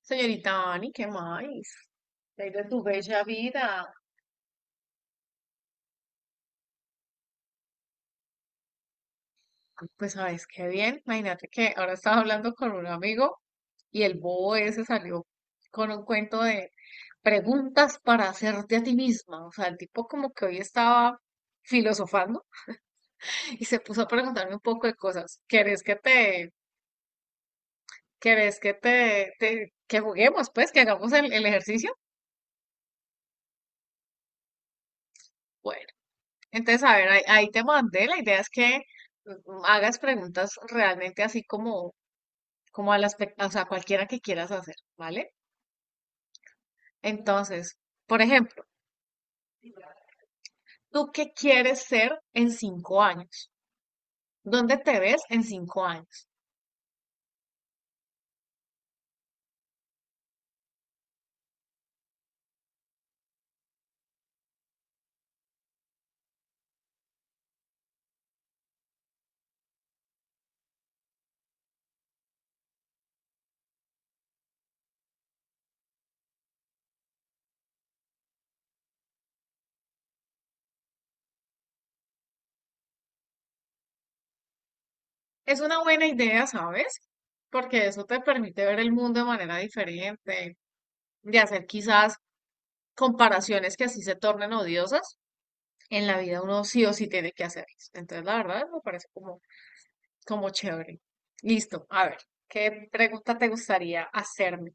Señorita Ani, ¿qué más? ¿Qué hay de tu bella vida? Pues sabes qué bien. Imagínate que ahora estaba hablando con un amigo y el bobo ese salió con un cuento de preguntas para hacerte a ti misma. O sea, el tipo como que hoy estaba filosofando y se puso a preguntarme un poco de cosas. ¿Querés que te, que juguemos, pues, que hagamos el ejercicio? Bueno, entonces, a ver, ahí te mandé. La idea es que hagas preguntas realmente así como o sea, cualquiera que quieras hacer, ¿vale? Entonces, por ejemplo, ¿tú qué quieres ser en 5 años? ¿Dónde te ves en 5 años? Es una buena idea, ¿sabes? Porque eso te permite ver el mundo de manera diferente, de hacer quizás comparaciones que así se tornen odiosas. En la vida uno sí o sí tiene que hacerlas. Entonces, la verdad, me parece como, como chévere. Listo, a ver, ¿qué pregunta te gustaría hacerme?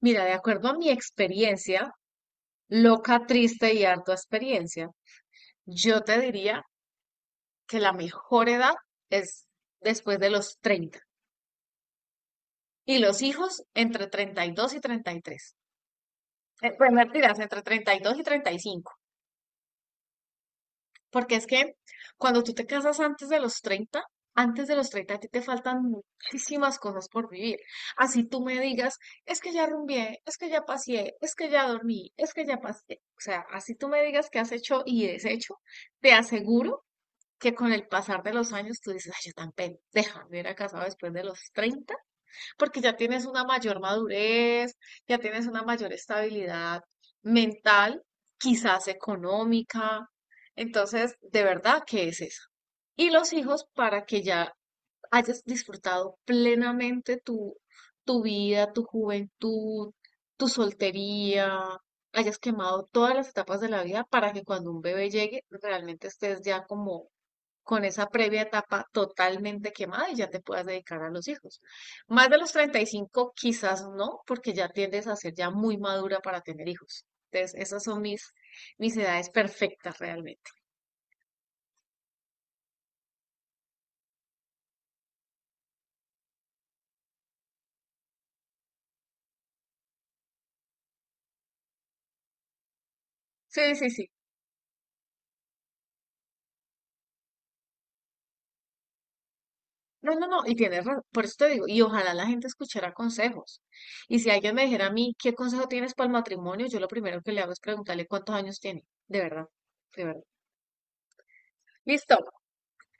Mira, de acuerdo a mi experiencia, loca, triste y harta experiencia. Yo te diría que la mejor edad es después de los 30 y los hijos entre treinta y 33. Pues mentiras, entre 32 y 35. Porque es que cuando tú te casas antes de los 30, antes de los 30, a ti te faltan muchísimas cosas por vivir. Así tú me digas, es que ya rumbié, es que ya paseé, es que ya dormí, es que ya pasé. O sea, así tú me digas que has hecho y deshecho, te aseguro que con el pasar de los años tú dices, ay, yo tan pendeja, me hubiera casado después de los 30 porque ya tienes una mayor madurez, ya tienes una mayor estabilidad mental, quizás económica. Entonces, de verdad que es eso. Y los hijos para que ya hayas disfrutado plenamente tu vida, tu juventud, tu soltería, hayas quemado todas las etapas de la vida para que cuando un bebé llegue realmente estés ya como con esa previa etapa totalmente quemada y ya te puedas dedicar a los hijos. Más de los 35, quizás no, porque ya tiendes a ser ya muy madura para tener hijos. Entonces, esas son mis edades perfectas realmente. Sí, sí, sí. No, no, no, y tienes razón, por eso te digo, y ojalá la gente escuchara consejos. Y si alguien me dijera a mí, ¿qué consejo tienes para el matrimonio? Yo lo primero que le hago es preguntarle cuántos años tiene, de verdad, de verdad. Listo,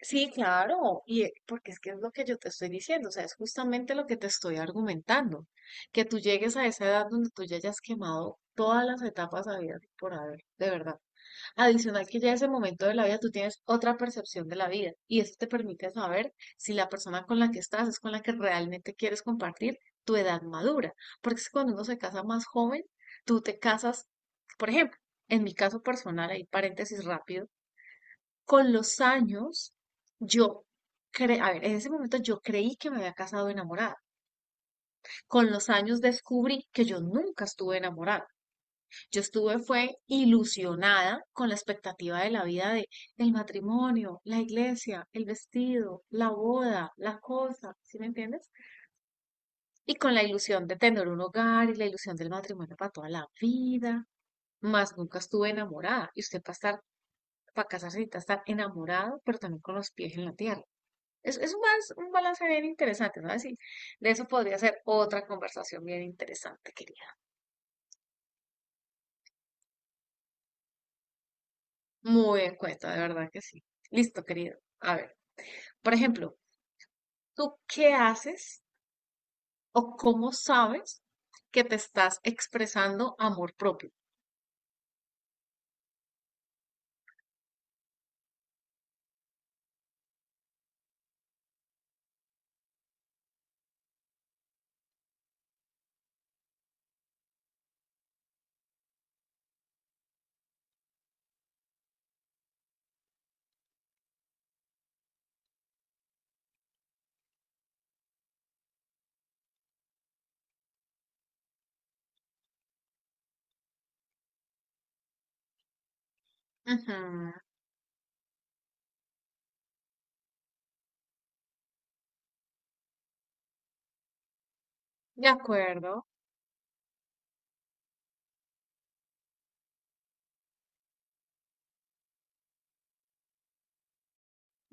sí, claro, y porque es que es lo que yo te estoy diciendo, o sea, es justamente lo que te estoy argumentando, que tú llegues a esa edad donde tú ya hayas quemado todas las etapas habidas y por haber, de verdad. Adicional que ya ese momento de la vida tú tienes otra percepción de la vida y eso te permite saber si la persona con la que estás es con la que realmente quieres compartir tu edad madura, porque es que cuando uno se casa más joven, tú te casas, por ejemplo, en mi caso personal, ahí paréntesis rápido con los años, yo, cre a ver, en ese momento yo creí que me había casado enamorada. Con los años descubrí que yo nunca estuve enamorada. Yo estuve, fue ilusionada con la expectativa de la vida de el matrimonio, la iglesia, el vestido, la boda, la cosa, ¿sí me entiendes? Y con la ilusión de tener un hogar y la ilusión del matrimonio para toda la vida. Más nunca estuve enamorada. Y usted para estar, para casarse necesita estar enamorado, pero también con los pies en la tierra. Es más un balance bien interesante, ¿sabes? Y de eso podría ser otra conversación bien interesante, querida. Muy en cuenta, de verdad que sí. Listo, querido. A ver, por ejemplo, ¿tú qué haces o cómo sabes que te estás expresando amor propio? Ujú, de acuerdo.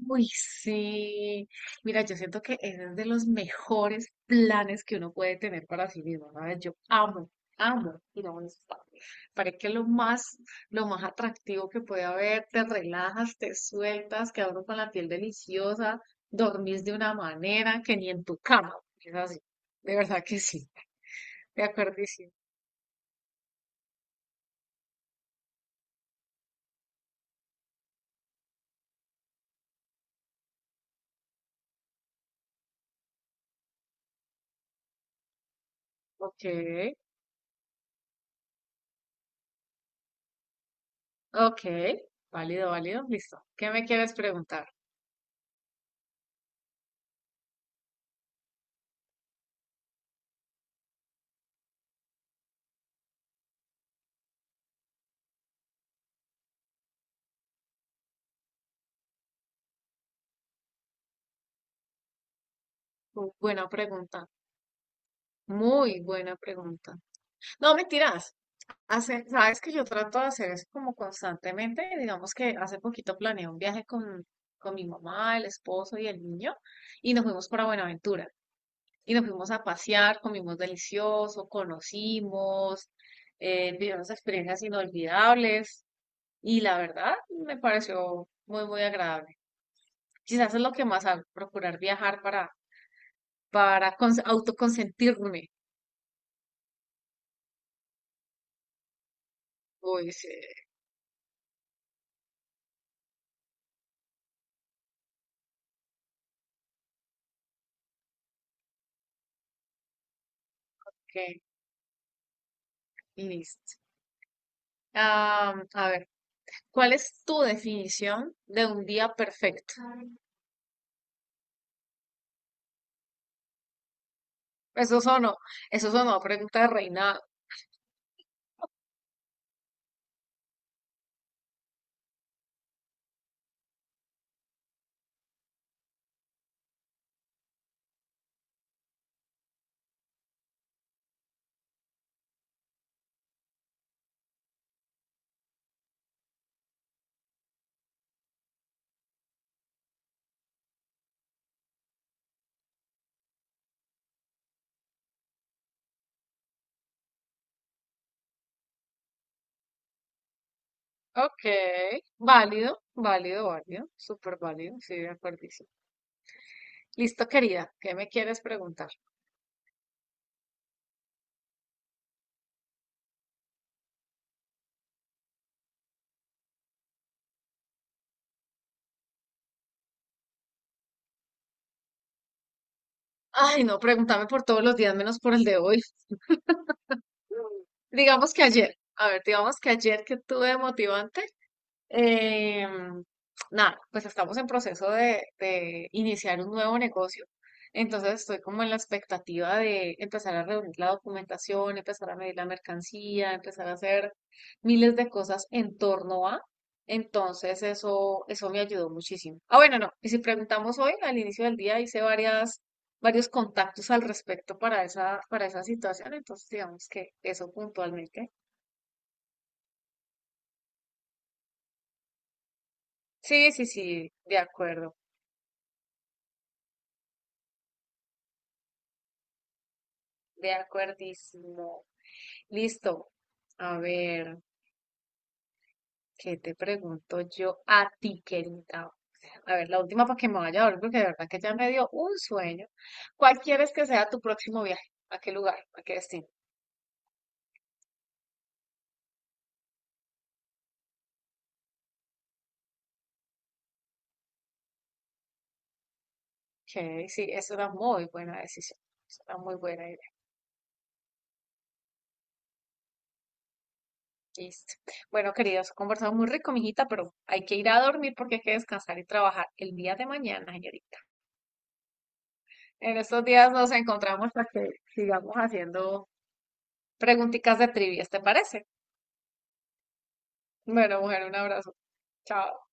Uy, sí. Mira, yo siento que ese es de los mejores planes que uno puede tener para sí mismo, ¿sabes? Yo amo, amo ir a un spa. Parece que es lo más atractivo que puede haber. Te relajas, te sueltas, quedas uno con la piel deliciosa, dormís de una manera que ni en tu cama. Es así. De verdad que sí. De acuerdo, sí. Ok, ok. Válido, válido. Listo. ¿Qué me quieres preguntar? Buena pregunta. Muy buena pregunta. No, mentiras. Hace, sabes que yo trato de hacer eso como constantemente. Digamos que hace poquito planeé un viaje con mi mamá, el esposo y el niño y nos fuimos para Buenaventura. Y nos fuimos a pasear, comimos delicioso, conocimos, vivimos experiencias inolvidables y la verdad me pareció muy, muy agradable. Quizás es lo que más hago, procurar viajar para autoconsentirme. Uy, sí, que listo. Ah, a ver. ¿Cuál es tu definición de un día perfecto? Eso sonó, eso sonó a pregunta de reina. Ok, válido, válido, válido, súper válido, sí, de acuerdísimo. Listo, querida, ¿qué me quieres preguntar? Ay, no, pregúntame por todos los días menos por el de hoy. Digamos que ayer, a ver, digamos que ayer que tuve de motivante, Eh, nada, pues estamos en proceso de iniciar un nuevo negocio. Entonces estoy como en la expectativa de empezar a reunir la documentación, empezar a medir la mercancía, empezar a hacer miles de cosas en torno a. Entonces eso me ayudó muchísimo. Ah, bueno, no. Y si preguntamos hoy, al inicio del día hice varias, varios contactos al respecto para esa situación. Entonces digamos que eso puntualmente. Sí, sí, sí, de acuerdo. De acuerdísimo. Listo. A ver, ¿qué te pregunto yo a ti, querida? A ver, la última para que me vaya a dormir, porque de verdad que ya me dio un sueño. ¿Cuál quieres que sea tu próximo viaje? ¿A qué lugar? ¿A qué destino? Ok, sí, es una muy buena decisión. Es una muy buena idea. Listo. Bueno, queridos, conversamos muy rico, mijita, pero hay que ir a dormir porque hay que descansar y trabajar el día de mañana, señorita. En estos días nos encontramos para que sigamos haciendo preguntitas de trivias, ¿te parece? Bueno, mujer, un abrazo. Chao.